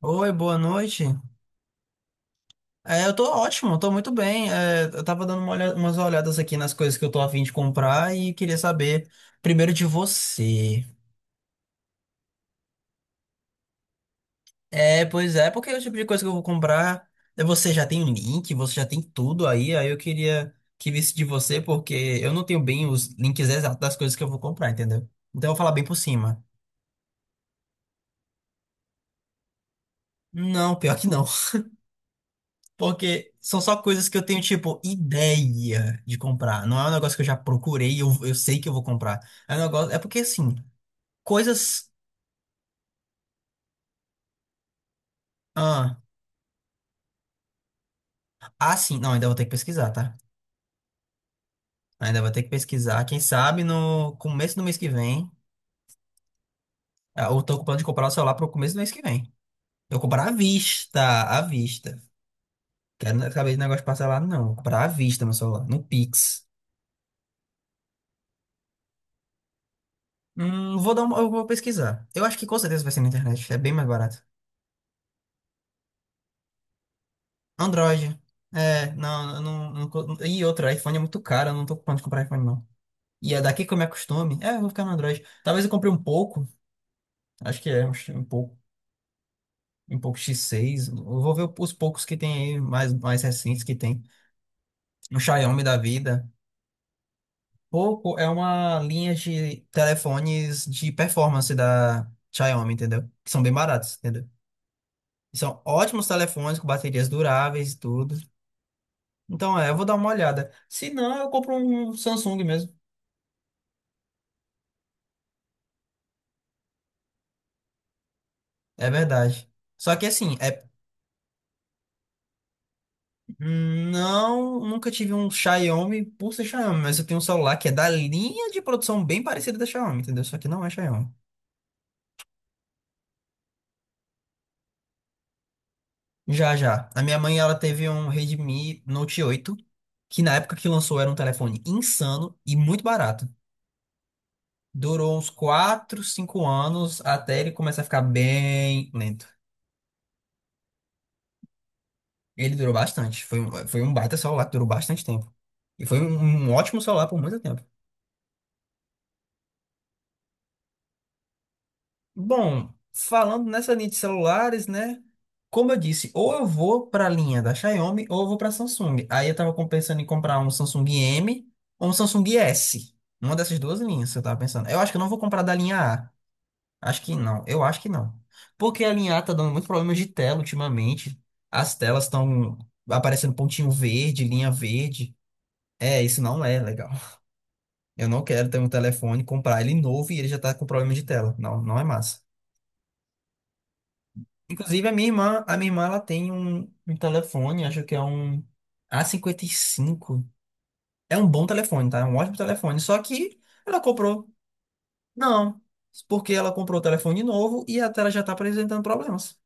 Oi, boa noite. Eu tô ótimo, tô muito bem. Eu tava dando umas olhadas aqui nas coisas que eu tô a fim de comprar e queria saber primeiro de você. Pois é, porque é o tipo de coisa que eu vou comprar, você já tem o link, você já tem tudo aí, aí eu queria que visse de você, porque eu não tenho bem os links exatos das coisas que eu vou comprar, entendeu? Então eu vou falar bem por cima. Não, pior que não. Porque são só coisas que eu tenho, tipo, ideia de comprar. Não é um negócio que eu já procurei e eu sei que eu vou comprar. É um negócio. É porque, assim, coisas. Ah, ah, sim. Não, ainda vou ter que pesquisar, tá? Ainda vou ter que pesquisar. Quem sabe no começo do mês que vem. Eu tô com plano de comprar o celular pro começo do mês que vem. Eu vou comprar à vista, à vista. Quero não saber de negócio parcelado, não. Eu vou comprar à vista meu celular, no Pix. Vou dar uma, eu vou pesquisar. Eu acho que com certeza vai ser na internet. É bem mais barato. Android. É, não, eu não, não, co- E outra, iPhone é muito caro, eu não tô com plano de comprar iPhone, não. E é daqui que eu me acostume. É, eu vou ficar no Android. Talvez eu compre um pouco, acho que é um pouco X6. Eu vou ver os poucos que tem aí, mais, mais recentes que tem. Um Xiaomi da vida. Poco é uma linha de telefones de performance da Xiaomi, entendeu? Que são bem baratos, entendeu? São ótimos telefones com baterias duráveis e tudo. Então, eu vou dar uma olhada. Se não, eu compro um Samsung mesmo. É verdade. Só que assim, não, nunca tive um Xiaomi por ser Xiaomi, mas eu tenho um celular que é da linha de produção bem parecida da Xiaomi, entendeu? Só que não é Xiaomi. Já, já. A minha mãe, ela teve um Redmi Note 8, que na época que lançou era um telefone insano e muito barato. Durou uns 4, 5 anos até ele começar a ficar bem lento. Ele durou bastante. Foi um baita celular que durou bastante tempo. E foi um ótimo celular por muito tempo. Bom, falando nessa linha de celulares, né? Como eu disse, ou eu vou para a linha da Xiaomi ou eu vou para a Samsung. Aí pensando em comprar um Samsung M ou um Samsung S. Uma dessas duas linhas, eu tava pensando. Eu acho que eu não vou comprar da linha A. Acho que não. Eu acho que não. Porque a linha A tá dando muito problema de tela ultimamente. As telas estão aparecendo pontinho verde, linha verde. É, isso não é legal. Eu não quero ter um telefone, comprar ele novo e ele já tá com problema de tela. Não, não é massa. Inclusive, a minha irmã, ela tem um, um telefone, acho que é um A55. É um bom telefone, tá? É um ótimo telefone. Só que ela comprou. Não, porque ela comprou o telefone novo e a tela já tá apresentando problemas.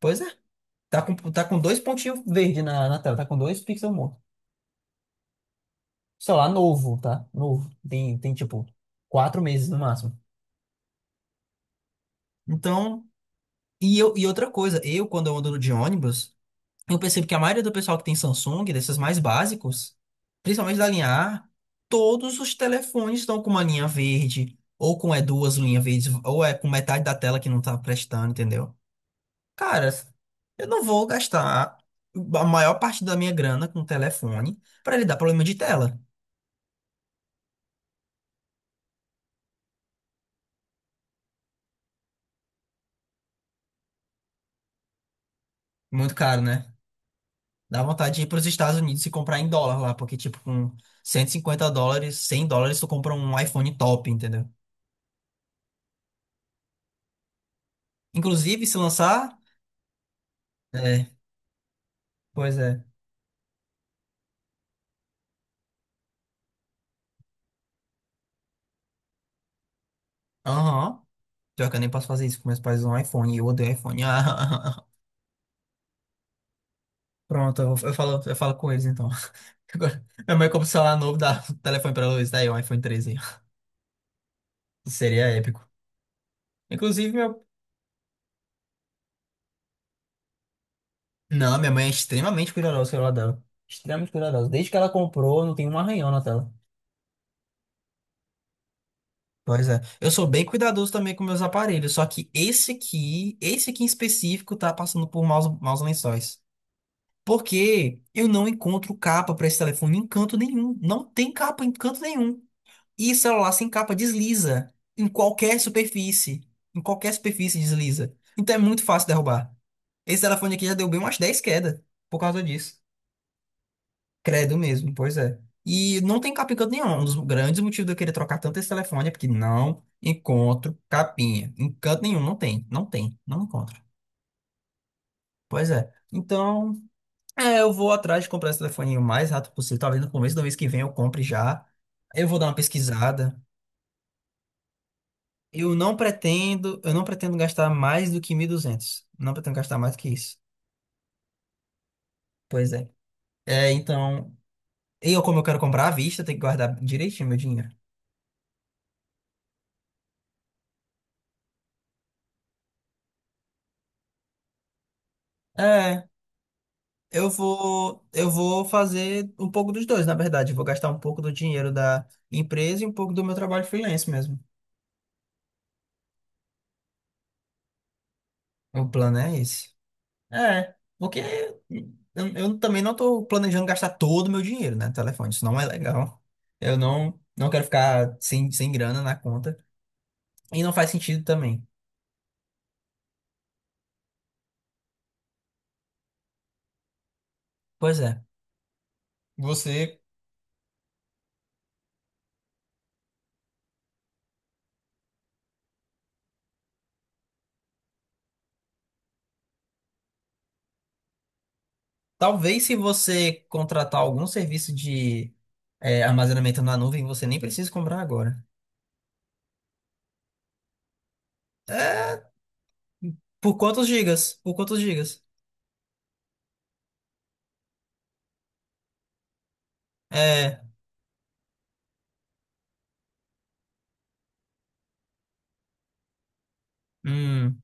Pois é. Tá com dois pontinhos verdes na tela, tá com dois pixels mortos. Celular novo, tá? Novo. Tem tipo 4 meses no máximo. Então, e outra coisa, eu quando eu ando de ônibus. Eu percebo que a maioria do pessoal que tem Samsung, desses mais básicos, principalmente da linha A, todos os telefones estão com uma linha verde, ou com duas linhas verdes, ou é com metade da tela que não tá prestando, entendeu? Cara, eu não vou gastar a maior parte da minha grana com telefone pra ele dar problema de tela. Muito caro, né? Dá vontade de ir pros Estados Unidos e comprar em dólar lá, porque tipo, com US$ 150, US$ 100, tu compra um iPhone top, entendeu? Inclusive, se lançar. É, pois é. Aham. Pior que eu nem posso fazer isso, porque meus pais usam iPhone e eu odeio iPhone. Ah, pronto, eu falo com eles então. Agora, minha mãe compra um celular novo, dá o telefone pra Luiz, tá aí, um iPhone 13. Seria épico. Inclusive, meu. Não, minha mãe é extremamente cuidadosa com o celular dela. Extremamente cuidadosa. Desde que ela comprou, não tem um arranhão na tela. Pois é. Eu sou bem cuidadoso também com meus aparelhos, só que esse aqui em específico, tá passando por maus lençóis. Porque eu não encontro capa pra esse telefone em canto nenhum. Não tem capa em canto nenhum. E o celular sem capa desliza em qualquer superfície. Em qualquer superfície desliza. Então é muito fácil derrubar. Esse telefone aqui já deu bem umas 10 quedas por causa disso. Credo mesmo, pois é. E não tem capinha em canto nenhum. Um dos grandes motivos de eu querer trocar tanto esse telefone é porque não encontro capinha. Em canto nenhum, não tem. Não tem. Não encontro. Pois é. Então, eu vou atrás de comprar esse telefoninho o mais rápido possível. Talvez no começo do mês que vem eu compre já. Eu vou dar uma pesquisada. Eu não pretendo gastar mais do que 1.200. Não pretendo gastar mais do que isso. Pois é. É, então, eu como eu quero comprar à vista, tenho que guardar direitinho meu dinheiro. É, eu vou fazer um pouco dos dois, na verdade. Eu vou gastar um pouco do dinheiro da empresa e um pouco do meu trabalho freelance mesmo. O plano é esse. É, porque eu também não tô planejando gastar todo o meu dinheiro, né, no telefone. Isso não é legal. Eu não, não quero ficar sem grana na conta. E não faz sentido também. Pois é. Você, talvez se você contratar algum serviço de armazenamento na nuvem, você nem precisa comprar agora. É, por quantos gigas? Por quantos gigas? É, hum,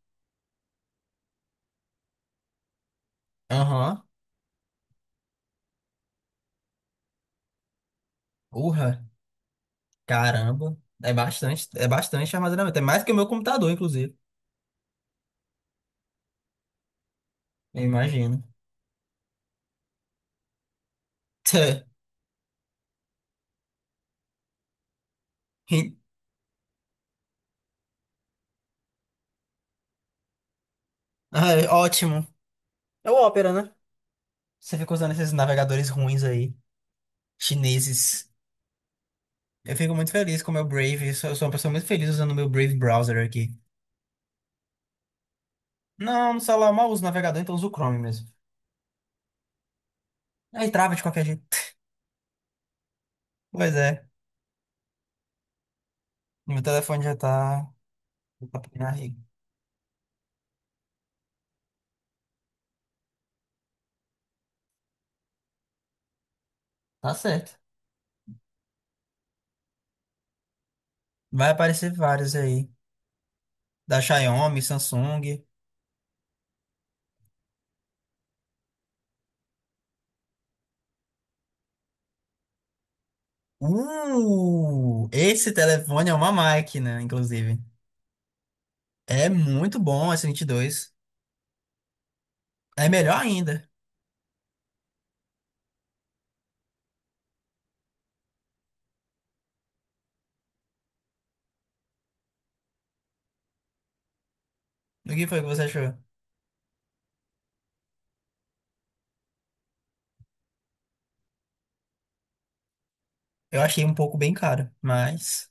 aham, urra, caramba. É bastante armazenamento. É mais que o meu computador, inclusive. Eu imagino. Ai, ótimo. É o Opera, né? Você fica usando esses navegadores ruins aí, chineses. Eu fico muito feliz com o meu Brave. Eu sou uma pessoa muito feliz usando o meu Brave browser aqui. Não, no celular eu mal uso o navegador, então uso o Chrome mesmo. Aí trava de qualquer jeito. Pois é, meu telefone já tá. Já tá na riga. Tá certo. Vai aparecer vários aí. Da Xiaomi, Samsung. Esse telefone é uma máquina, inclusive. É muito bom esse 22. É melhor ainda. O que foi que você achou? Eu achei um pouco bem caro, mas.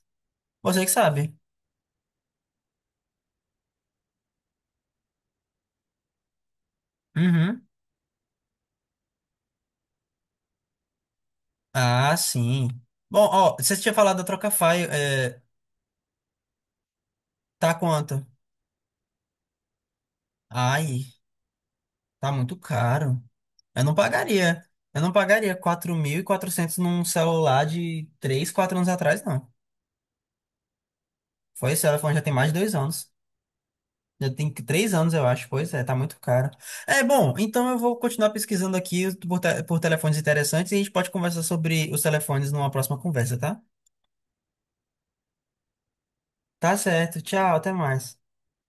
Você que sabe. Uhum. Ah, sim. Bom, ó, você tinha falado da Trocafy, tá quanto? Ai. Tá muito caro. Eu não pagaria. Eu não pagaria 4.400 num celular de 3 4 anos atrás, não. Foi esse telefone já tem mais de 2 anos. 3 anos, eu acho. Pois é, tá muito caro. É, bom, então eu vou continuar pesquisando aqui por telefones interessantes e a gente pode conversar sobre os telefones numa próxima conversa, tá? Tá certo. Tchau, até mais.